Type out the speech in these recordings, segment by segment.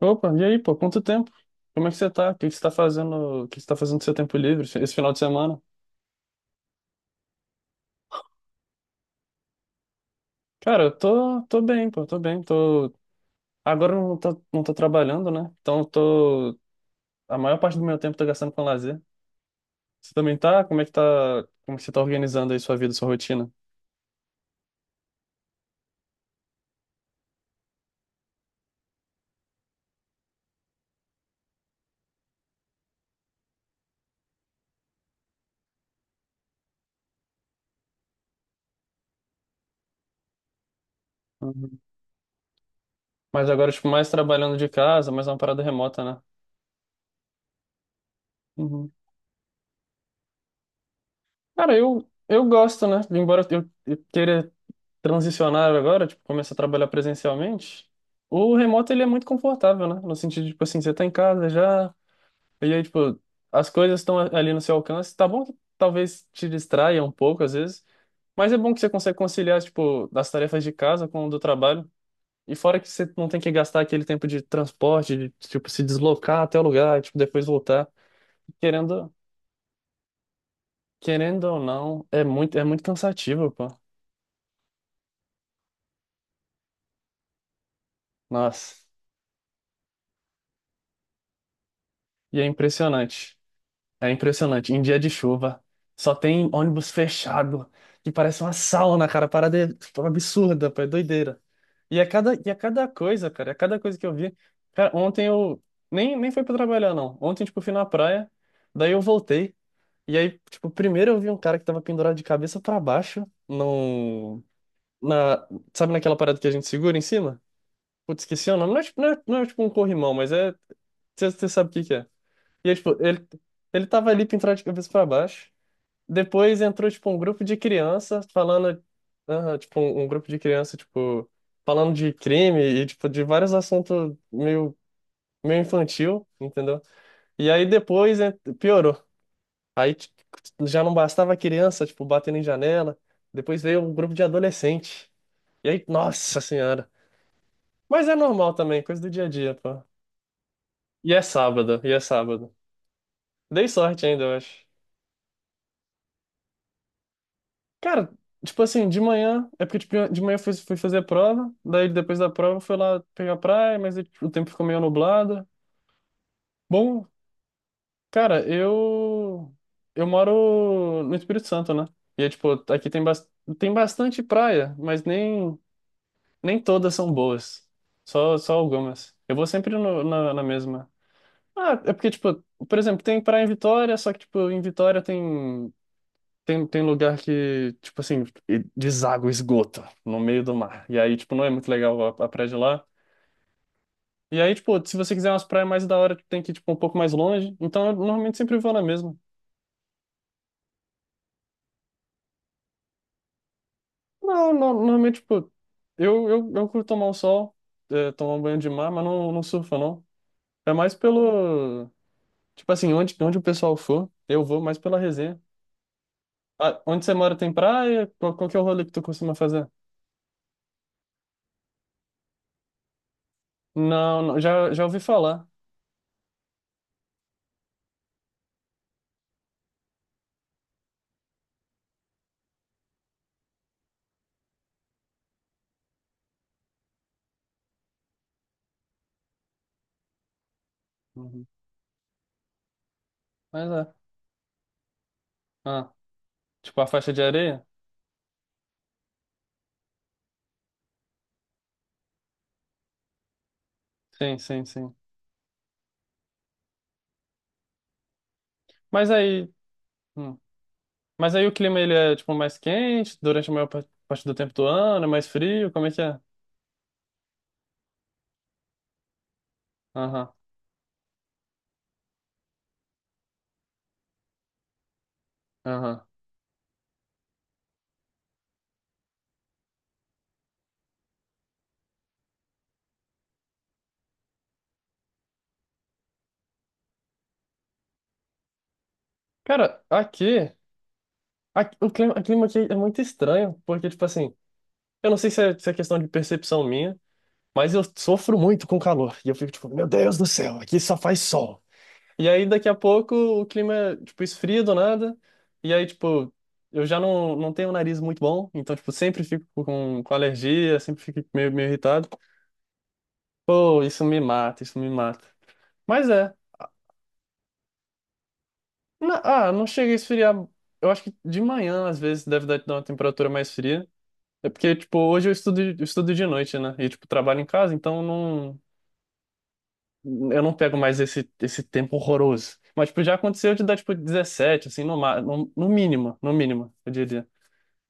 Opa, e aí, pô, quanto tempo? Como é que você tá? O que que você tá fazendo? O que você tá fazendo no seu tempo livre esse final de semana? Cara, eu tô bem, pô, tô bem. Tô... Agora eu não tô trabalhando, né? Então eu tô. A maior parte do meu tempo eu tô gastando com lazer. Você também tá? Como é que tá? Como é que você tá organizando aí sua vida, sua rotina? Uhum. Mas agora, tipo, mais trabalhando de casa, mais uma parada remota, né? Uhum. Cara, eu gosto, né? Embora eu queira transicionar agora, tipo, começar a trabalhar presencialmente, o remoto, ele é muito confortável, né? No sentido de, tipo assim, você tá em casa já, e aí, tipo, as coisas estão ali no seu alcance. Tá bom que talvez te distraia um pouco, às vezes, mas é bom que você consegue conciliar, tipo, das tarefas de casa com o do trabalho. E fora que você não tem que gastar aquele tempo de transporte, de, tipo, se deslocar até o lugar, tipo, depois voltar. Querendo, querendo ou não, é muito cansativo, pô. Nossa. E é impressionante. É impressionante. Em dia de chuva, só tem ônibus fechado, que parece uma sauna, cara. Parada é, tipo, absurda, pô. É doideira. E a cada coisa, cara, a cada coisa que eu vi. Cara, ontem eu. Nem foi pra trabalhar, não. Ontem, tipo, fui na praia. Daí eu voltei. E aí, tipo, primeiro eu vi um cara que tava pendurado de cabeça pra baixo, na, sabe naquela parada que a gente segura em cima? Putz, esqueci o nome. Não é tipo um corrimão, mas é, você sabe o que que é. E aí, tipo, ele tava ali pendurado de cabeça pra baixo. Depois entrou, tipo, um grupo de criança falando, ah, tipo, um grupo de criança, tipo, falando de crime e, tipo, de vários assuntos meio, meio infantil, entendeu? E aí depois piorou. Aí tipo, já não bastava a criança, tipo, batendo em janela. Depois veio um grupo de adolescente. E aí, nossa senhora. Mas é normal também, coisa do dia a dia, pô. E é sábado, e é sábado. Dei sorte ainda, eu acho. Cara, tipo assim, de manhã, é porque tipo, de manhã eu fui fazer a prova, daí depois da prova eu fui lá pegar a praia, mas aí o tempo ficou meio nublado. Bom, cara, eu moro no Espírito Santo, né? E é tipo, aqui tem, tem bastante praia, mas nem todas são boas. Só algumas. Eu vou sempre na mesma. Ah, é porque, tipo, por exemplo, tem praia em Vitória, só que, tipo, em Vitória tem lugar que, tipo assim, deságua esgoto no meio do mar. E aí, tipo, não é muito legal a praia de lá. E aí, tipo, se você quiser umas praias mais da hora, tem que ir, tipo, um pouco mais longe. Então, eu normalmente sempre vou na mesma. Não, não normalmente, tipo, eu curto tomar o sol, tomar um banho de mar, mas não surfo, não. É mais pelo. Tipo assim, onde o pessoal for, eu vou mais pela resenha. Ah, onde você mora tem praia? Qual que é o rolê que tu costuma fazer? Não, não, já ouvi falar. Uhum. Mas é. Ah, tipo a faixa de areia? Sim, sim, sim. Mas aí. Hum. Mas aí o clima ele é tipo mais quente durante a maior parte do tempo do ano, é mais frio, como é que é? Aham, aham. Cara, o clima aqui é muito estranho, porque tipo assim, eu não sei se é questão de percepção minha, mas eu sofro muito com calor. E eu fico tipo, meu Deus do céu, aqui só faz sol. E aí daqui a pouco o clima, tipo, esfria do nada, e aí tipo, eu já não tenho um nariz muito bom, então tipo, sempre fico com alergia, sempre fico meio irritado. Pô, isso me mata, isso me mata. Mas é. Não chega a esfriar. Eu acho que de manhã, às vezes, deve dar uma temperatura mais fria. É porque, tipo, hoje eu estudo de noite, né? E, tipo, trabalho em casa, então não, eu não pego mais esse tempo horroroso. Mas, tipo, já aconteceu de dar, tipo, 17 assim, no mínimo, no mínimo, eu diria.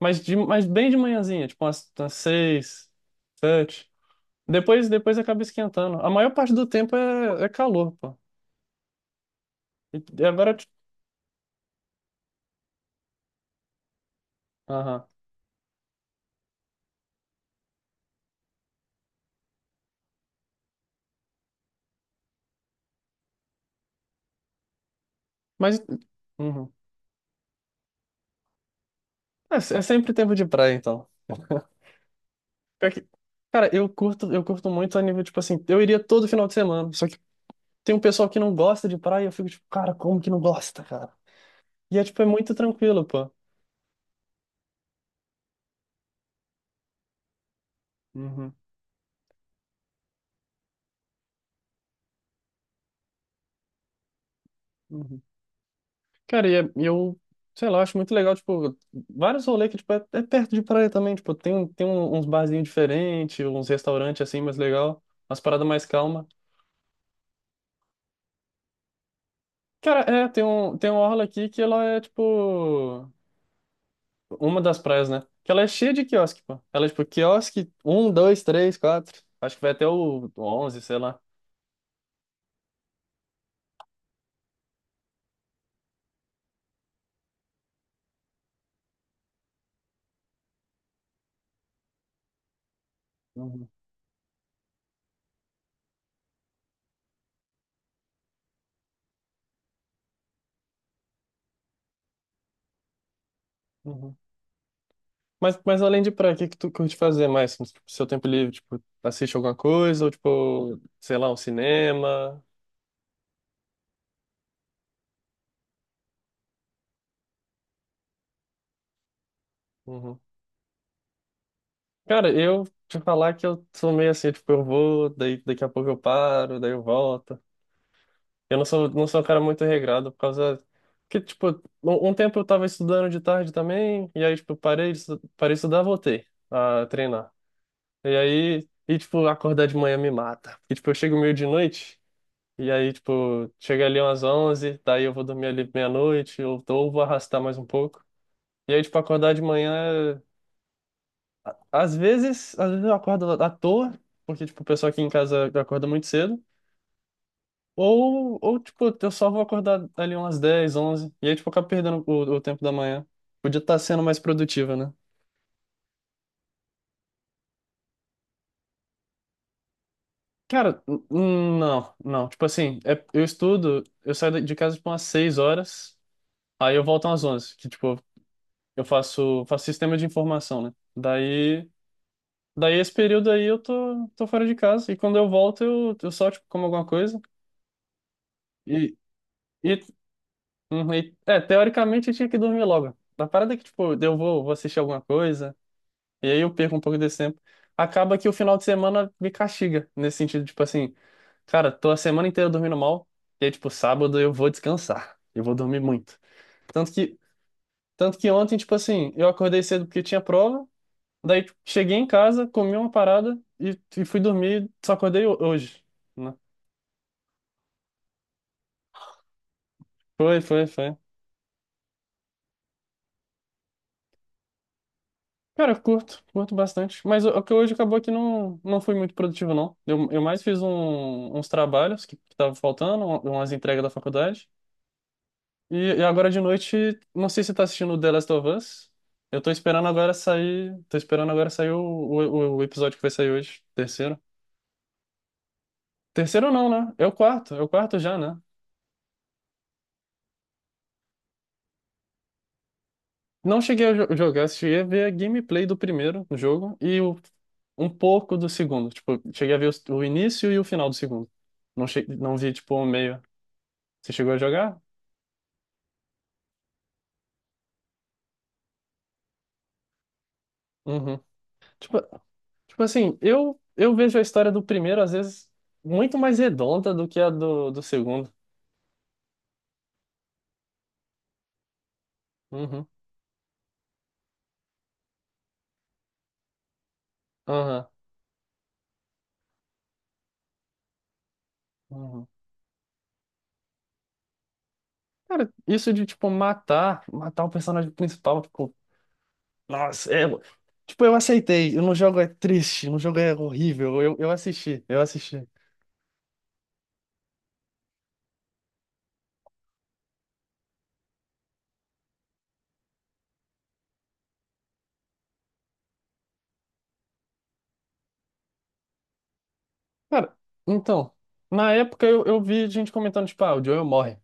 Mas bem de manhãzinha, tipo, umas 6, 7. Depois acaba esquentando. A maior parte do tempo é calor, pô. E agora. Tipo, Aham. Mas. Uhum. É sempre tempo de praia, então. Pior que- Cara, eu curto muito a nível, tipo assim, eu iria todo final de semana. Só que tem um pessoal que não gosta de praia, eu fico tipo, cara, como que não gosta, cara? E é, tipo, é muito tranquilo, pô. Uhum, uhum. Cara, e eu, sei lá, acho muito legal, tipo, vários rolês que, tipo, é perto de praia também, tipo, uns barzinhos diferentes, uns restaurantes, assim, mais legal, umas paradas mais calma. Cara, tem uma orla aqui que ela é, tipo, uma das praias, né? Que ela é cheia de quiosque, pô. Ela é tipo quiosque um dois três quatro. Acho que vai até o 11, sei lá. Uhum, uhum. Mas além de praia, o que que tu curte fazer mais no seu tempo livre? Tipo, assiste alguma coisa ou tipo, sei lá, um cinema? Uhum. Cara, eu te falar que eu sou meio assim, tipo, eu vou, daí, daqui a pouco eu paro, daí eu volto. Eu não sou, não sou um cara muito regrado por causa que, tipo, um tempo eu tava estudando de tarde também, e aí, tipo, parei, parei de estudar, voltei a treinar. E aí, e, tipo, acordar de manhã me mata. Porque, tipo, eu chego meio de noite, e aí, tipo, chega ali umas 11 daí eu vou dormir ali meia-noite, ou vou arrastar mais um pouco. E aí, tipo, acordar de manhã, às vezes eu acordo à toa, porque, tipo, o pessoal aqui em casa acorda muito cedo. Ou, tipo, eu só vou acordar ali umas 10, 11 e aí, tipo, eu acabo perdendo o tempo da manhã. Podia estar sendo mais produtiva, né? Cara, não. Tipo assim, eu estudo, eu saio de casa, tipo, umas 6 horas, aí eu volto umas 11 que, tipo, eu faço, faço sistema de informação, né? Daí, daí esse período aí eu tô, tô fora de casa, e quando eu volto eu só, tipo, como alguma coisa, e, e, uhum, é, teoricamente eu tinha que dormir logo. A parada é que, tipo, eu vou assistir alguma coisa. E aí eu perco um pouco desse tempo. Acaba que o final de semana me castiga, nesse sentido, tipo assim, cara, tô a semana inteira dormindo mal, e aí, tipo, sábado eu vou descansar, eu vou dormir muito. Tanto que, tanto que ontem, tipo assim, eu acordei cedo porque tinha prova, daí tipo, cheguei em casa, comi uma parada e fui dormir, só acordei hoje, né? Foi, foi, foi. Cara, eu curto, curto bastante. Mas o que hoje acabou que não, não fui muito produtivo, não. Eu mais fiz uns trabalhos que estavam faltando, umas entregas da faculdade. E agora de noite, não sei se você tá assistindo The Last of Us. Eu tô esperando agora sair. Tô esperando agora sair o episódio que vai sair hoje. Terceiro. Terceiro não, né? É o quarto. É o quarto já, né? Não cheguei a jogar, cheguei a ver a gameplay do primeiro jogo e um pouco do segundo. Tipo, cheguei a ver o início e o final do segundo. Não, che, não vi, tipo, o meio. Você chegou a jogar? Uhum. Tipo, tipo assim, eu vejo a história do primeiro, às vezes, muito mais redonda do que a do, do segundo. Uhum. Aham, aham. Cara, isso de, tipo, matar, matar o personagem principal, tipo, nossa, é. Tipo, eu aceitei. No jogo é triste, no jogo é horrível. Eu assisti, eu assisti. Cara, então, na época eu vi gente comentando, tipo, ah, o Joel morre.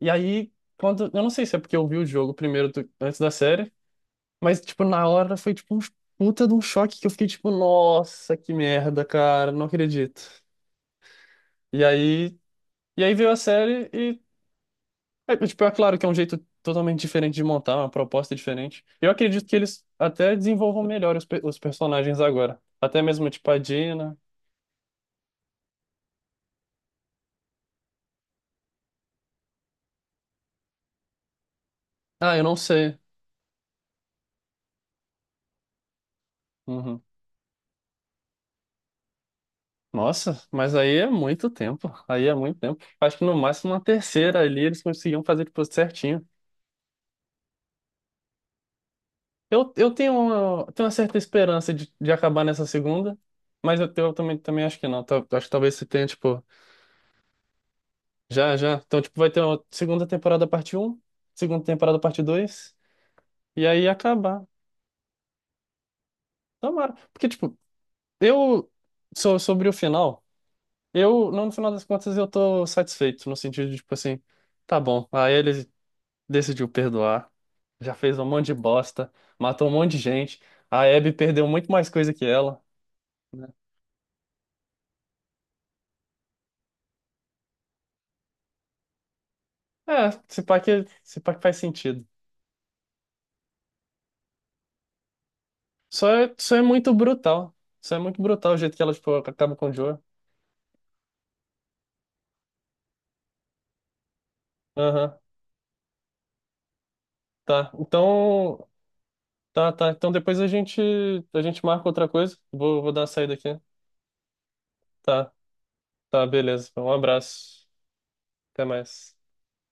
E aí, quando. Eu não sei se é porque eu vi o jogo primeiro antes da série, mas, tipo, na hora foi, tipo, um puta de um choque que eu fiquei, tipo, nossa, que merda, cara, não acredito. E aí. E aí veio a série. É, tipo, é claro que é um jeito totalmente diferente de montar, uma proposta diferente. Eu acredito que eles até desenvolvam melhor os personagens agora. Até mesmo, tipo, a Dina. Ah, eu não sei. Uhum. Nossa, mas aí é muito tempo. Aí é muito tempo. Acho que no máximo uma terceira ali eles conseguiam fazer, tipo, certinho. Eu tenho tenho uma certa esperança de acabar nessa segunda, mas eu também, também acho que não. Acho que talvez se tenha, tipo, já, já. Então, tipo, vai ter uma segunda temporada parte um, segunda temporada parte dois. E aí acabar. Tomara. Porque, tipo, eu. Sobre o final, não, no final das contas, eu tô satisfeito, no sentido de, tipo assim, tá bom. Aí ele decidiu perdoar, já fez um monte de bosta, matou um monte de gente. A Abby perdeu muito mais coisa que ela. É, se pá que faz sentido. Só é muito brutal. Só é muito brutal o jeito que ela, tipo, acaba com o Joe. Aham, tá. Então. Tá, tá. Então depois a gente marca outra coisa. Vou dar a saída aqui. Tá. Tá, beleza. Então, um abraço. Até mais.